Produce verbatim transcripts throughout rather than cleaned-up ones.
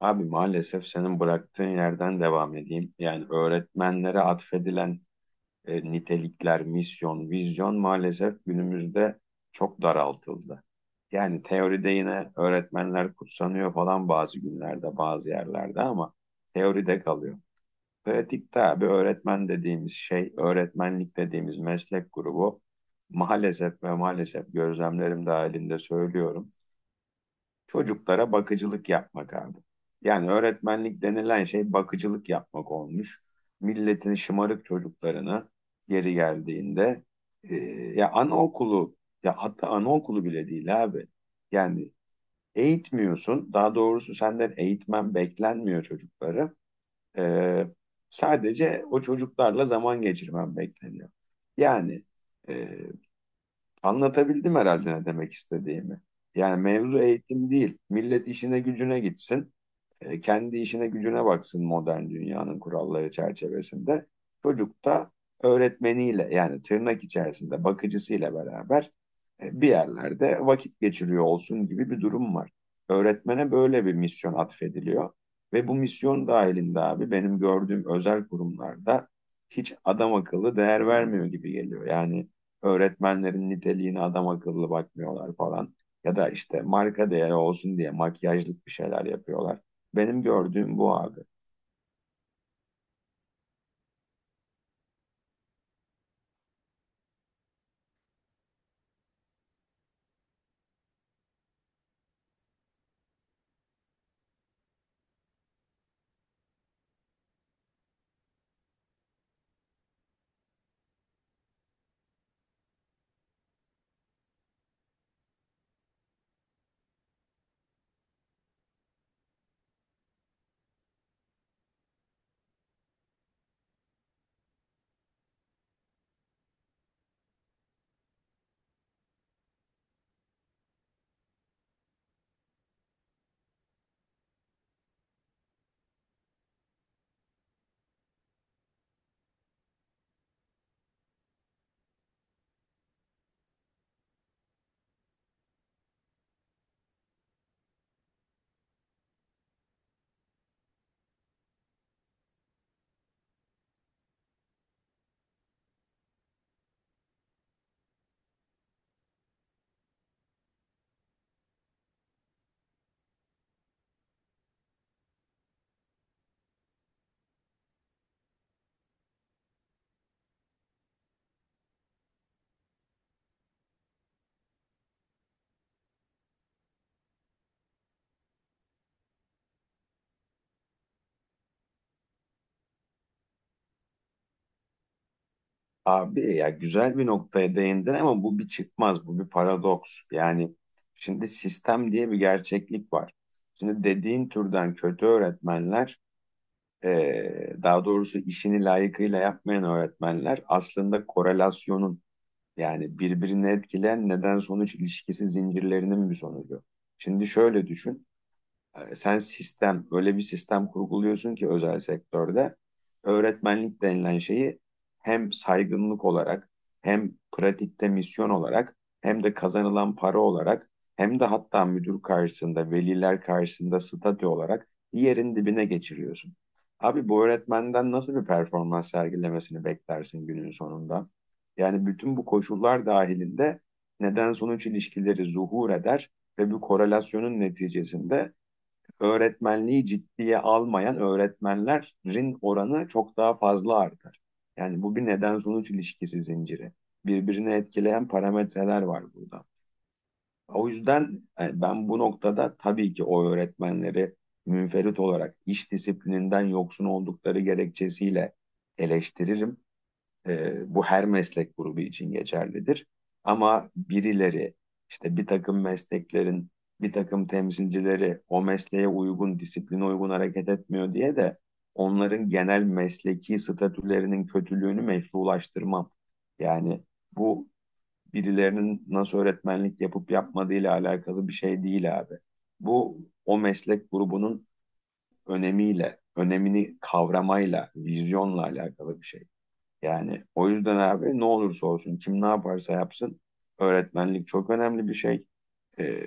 Abi maalesef senin bıraktığın yerden devam edeyim. Yani öğretmenlere atfedilen e, nitelikler, misyon, vizyon maalesef günümüzde çok daraltıldı. Yani teoride yine öğretmenler kutsanıyor falan bazı günlerde, bazı yerlerde ama teoride kalıyor. Pratikte abi öğretmen dediğimiz şey, öğretmenlik dediğimiz meslek grubu maalesef ve maalesef gözlemlerim dahilinde söylüyorum. Çocuklara bakıcılık yapmak abi. Yani öğretmenlik denilen şey bakıcılık yapmak olmuş. Milletin şımarık çocuklarına geri geldiğinde e, ya anaokulu ya hatta anaokulu bile değil abi. Yani eğitmiyorsun. Daha doğrusu senden eğitmen beklenmiyor çocukları. E, Sadece o çocuklarla zaman geçirmen bekleniyor. Yani e, anlatabildim herhalde ne demek istediğimi. Yani mevzu eğitim değil. Millet işine gücüne gitsin. E, kendi işine gücüne baksın modern dünyanın kuralları çerçevesinde. Çocuk da öğretmeniyle yani tırnak içerisinde bakıcısıyla beraber e, bir yerlerde vakit geçiriyor olsun gibi bir durum var. Öğretmene böyle bir misyon atfediliyor. Ve bu misyon dahilinde abi benim gördüğüm özel kurumlarda hiç adam akıllı değer vermiyor gibi geliyor. Yani öğretmenlerin niteliğine adam akıllı bakmıyorlar falan. Ya da işte marka değeri olsun diye makyajlık bir şeyler yapıyorlar. Benim gördüğüm bu abi. Abi ya güzel bir noktaya değindin ama bu bir çıkmaz, bu bir paradoks. Yani şimdi sistem diye bir gerçeklik var. Şimdi dediğin türden kötü öğretmenler, eee, daha doğrusu işini layıkıyla yapmayan öğretmenler aslında korelasyonun yani birbirini etkileyen neden sonuç ilişkisi zincirlerinin bir sonucu. Şimdi şöyle düşün. E, Sen sistem, öyle bir sistem kurguluyorsun ki özel sektörde öğretmenlik denilen şeyi hem saygınlık olarak, hem pratikte misyon olarak, hem de kazanılan para olarak, hem de hatta müdür karşısında, veliler karşısında statü olarak yerin dibine geçiriyorsun. Abi bu öğretmenden nasıl bir performans sergilemesini beklersin günün sonunda? Yani bütün bu koşullar dahilinde neden sonuç ilişkileri zuhur eder ve bu korelasyonun neticesinde öğretmenliği ciddiye almayan öğretmenlerin oranı çok daha fazla artar. Yani bu bir neden sonuç ilişkisi zinciri. Birbirini etkileyen parametreler var burada. O yüzden e, ben bu noktada tabii ki o öğretmenleri münferit olarak iş disiplininden yoksun oldukları gerekçesiyle eleştiririm. E, bu her meslek grubu için geçerlidir. Ama birileri işte bir takım mesleklerin bir takım temsilcileri o mesleğe uygun, disipline uygun hareket etmiyor diye de onların genel mesleki statülerinin kötülüğünü meşrulaştırmam. Yani bu birilerinin nasıl öğretmenlik yapıp yapmadığıyla alakalı bir şey değil abi. Bu o meslek grubunun önemiyle, önemini kavramayla, vizyonla alakalı bir şey. Yani o yüzden abi ne olursa olsun kim ne yaparsa yapsın öğretmenlik çok önemli bir şey. Ee,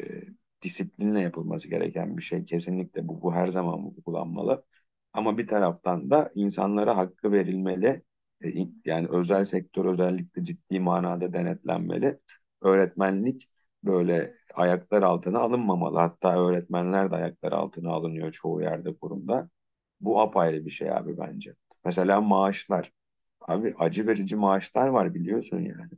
Disiplinle yapılması gereken bir şey. Kesinlikle bu, bu her zaman uygulanmalı. Ama bir taraftan da insanlara hakkı verilmeli. Ee, in- yani özel sektör özellikle ciddi manada denetlenmeli. Öğretmenlik böyle ayaklar altına alınmamalı. Hatta öğretmenler de ayaklar altına alınıyor çoğu yerde kurumda. Bu apayrı bir şey abi bence. Mesela maaşlar. Abi acı verici maaşlar var biliyorsun yani.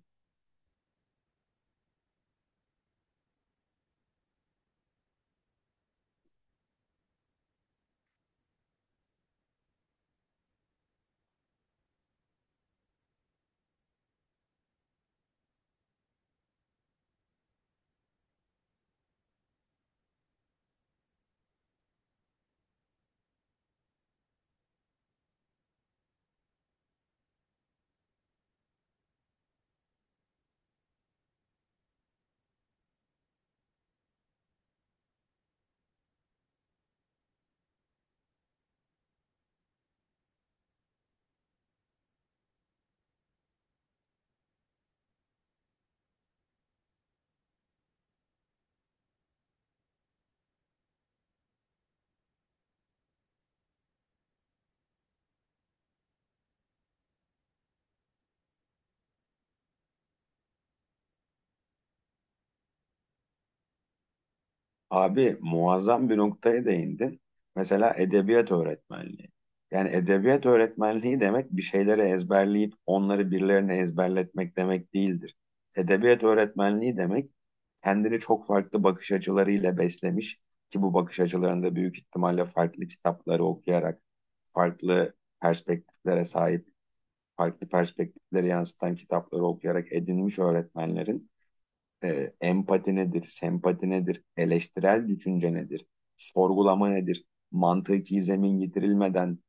Abi muazzam bir noktaya değindin. Mesela edebiyat öğretmenliği. Yani edebiyat öğretmenliği demek bir şeyleri ezberleyip onları birilerine ezberletmek demek değildir. Edebiyat öğretmenliği demek kendini çok farklı bakış açılarıyla beslemiş ki bu bakış açılarında büyük ihtimalle farklı kitapları okuyarak, farklı perspektiflere sahip, farklı perspektifleri yansıtan kitapları okuyarak edinmiş öğretmenlerin E, empati nedir, sempati nedir, eleştirel düşünce nedir, sorgulama nedir, mantıki zemin getirilmeden,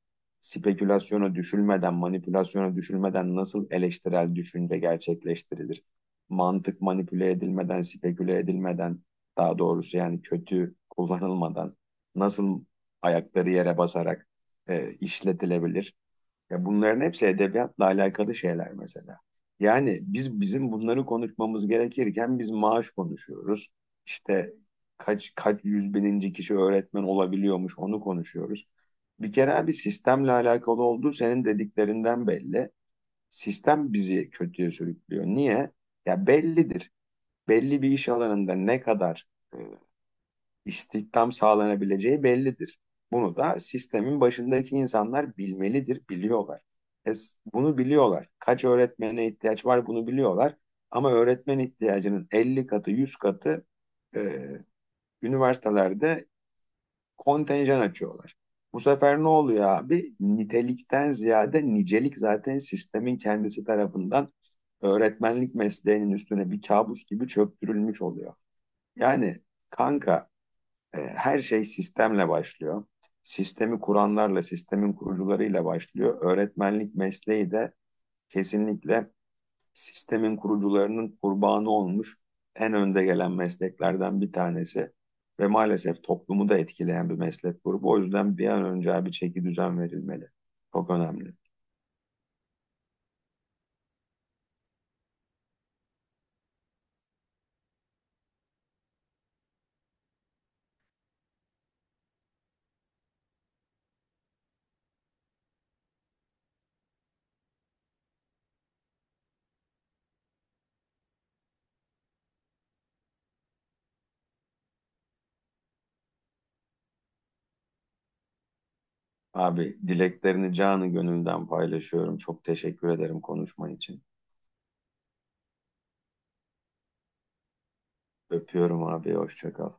spekülasyona düşülmeden, manipülasyona düşülmeden nasıl eleştirel düşünce gerçekleştirilir? Mantık manipüle edilmeden, speküle edilmeden, daha doğrusu yani kötü kullanılmadan nasıl ayakları yere basarak e, işletilebilir? Ya bunların hepsi edebiyatla alakalı şeyler mesela. Yani biz bizim bunları konuşmamız gerekirken biz maaş konuşuyoruz. İşte kaç kaç yüz bininci kişi öğretmen olabiliyormuş onu konuşuyoruz. Bir kere abi sistemle alakalı olduğu senin dediklerinden belli. Sistem bizi kötüye sürüklüyor. Niye? Ya bellidir. Belli bir iş alanında ne kadar e, istihdam sağlanabileceği bellidir. Bunu da sistemin başındaki insanlar bilmelidir, biliyorlar. E, Bunu biliyorlar. Kaç öğretmene ihtiyaç var bunu biliyorlar. Ama öğretmen ihtiyacının elli katı, yüz katı e, üniversitelerde kontenjan açıyorlar. Bu sefer ne oluyor abi? Nitelikten ziyade nicelik zaten sistemin kendisi tarafından öğretmenlik mesleğinin üstüne bir kabus gibi çöktürülmüş oluyor. Yani kanka e, her şey sistemle başlıyor. Sistemi kuranlarla, sistemin kurucularıyla başlıyor. Öğretmenlik mesleği de kesinlikle sistemin kurucularının kurbanı olmuş en önde gelen mesleklerden bir tanesi ve maalesef toplumu da etkileyen bir meslek grubu. O yüzden bir an önce bir çeki düzen verilmeli. Çok önemli. Abi dileklerini canı gönülden paylaşıyorum. Çok teşekkür ederim konuşman için. Öpüyorum abi. Hoşça kal.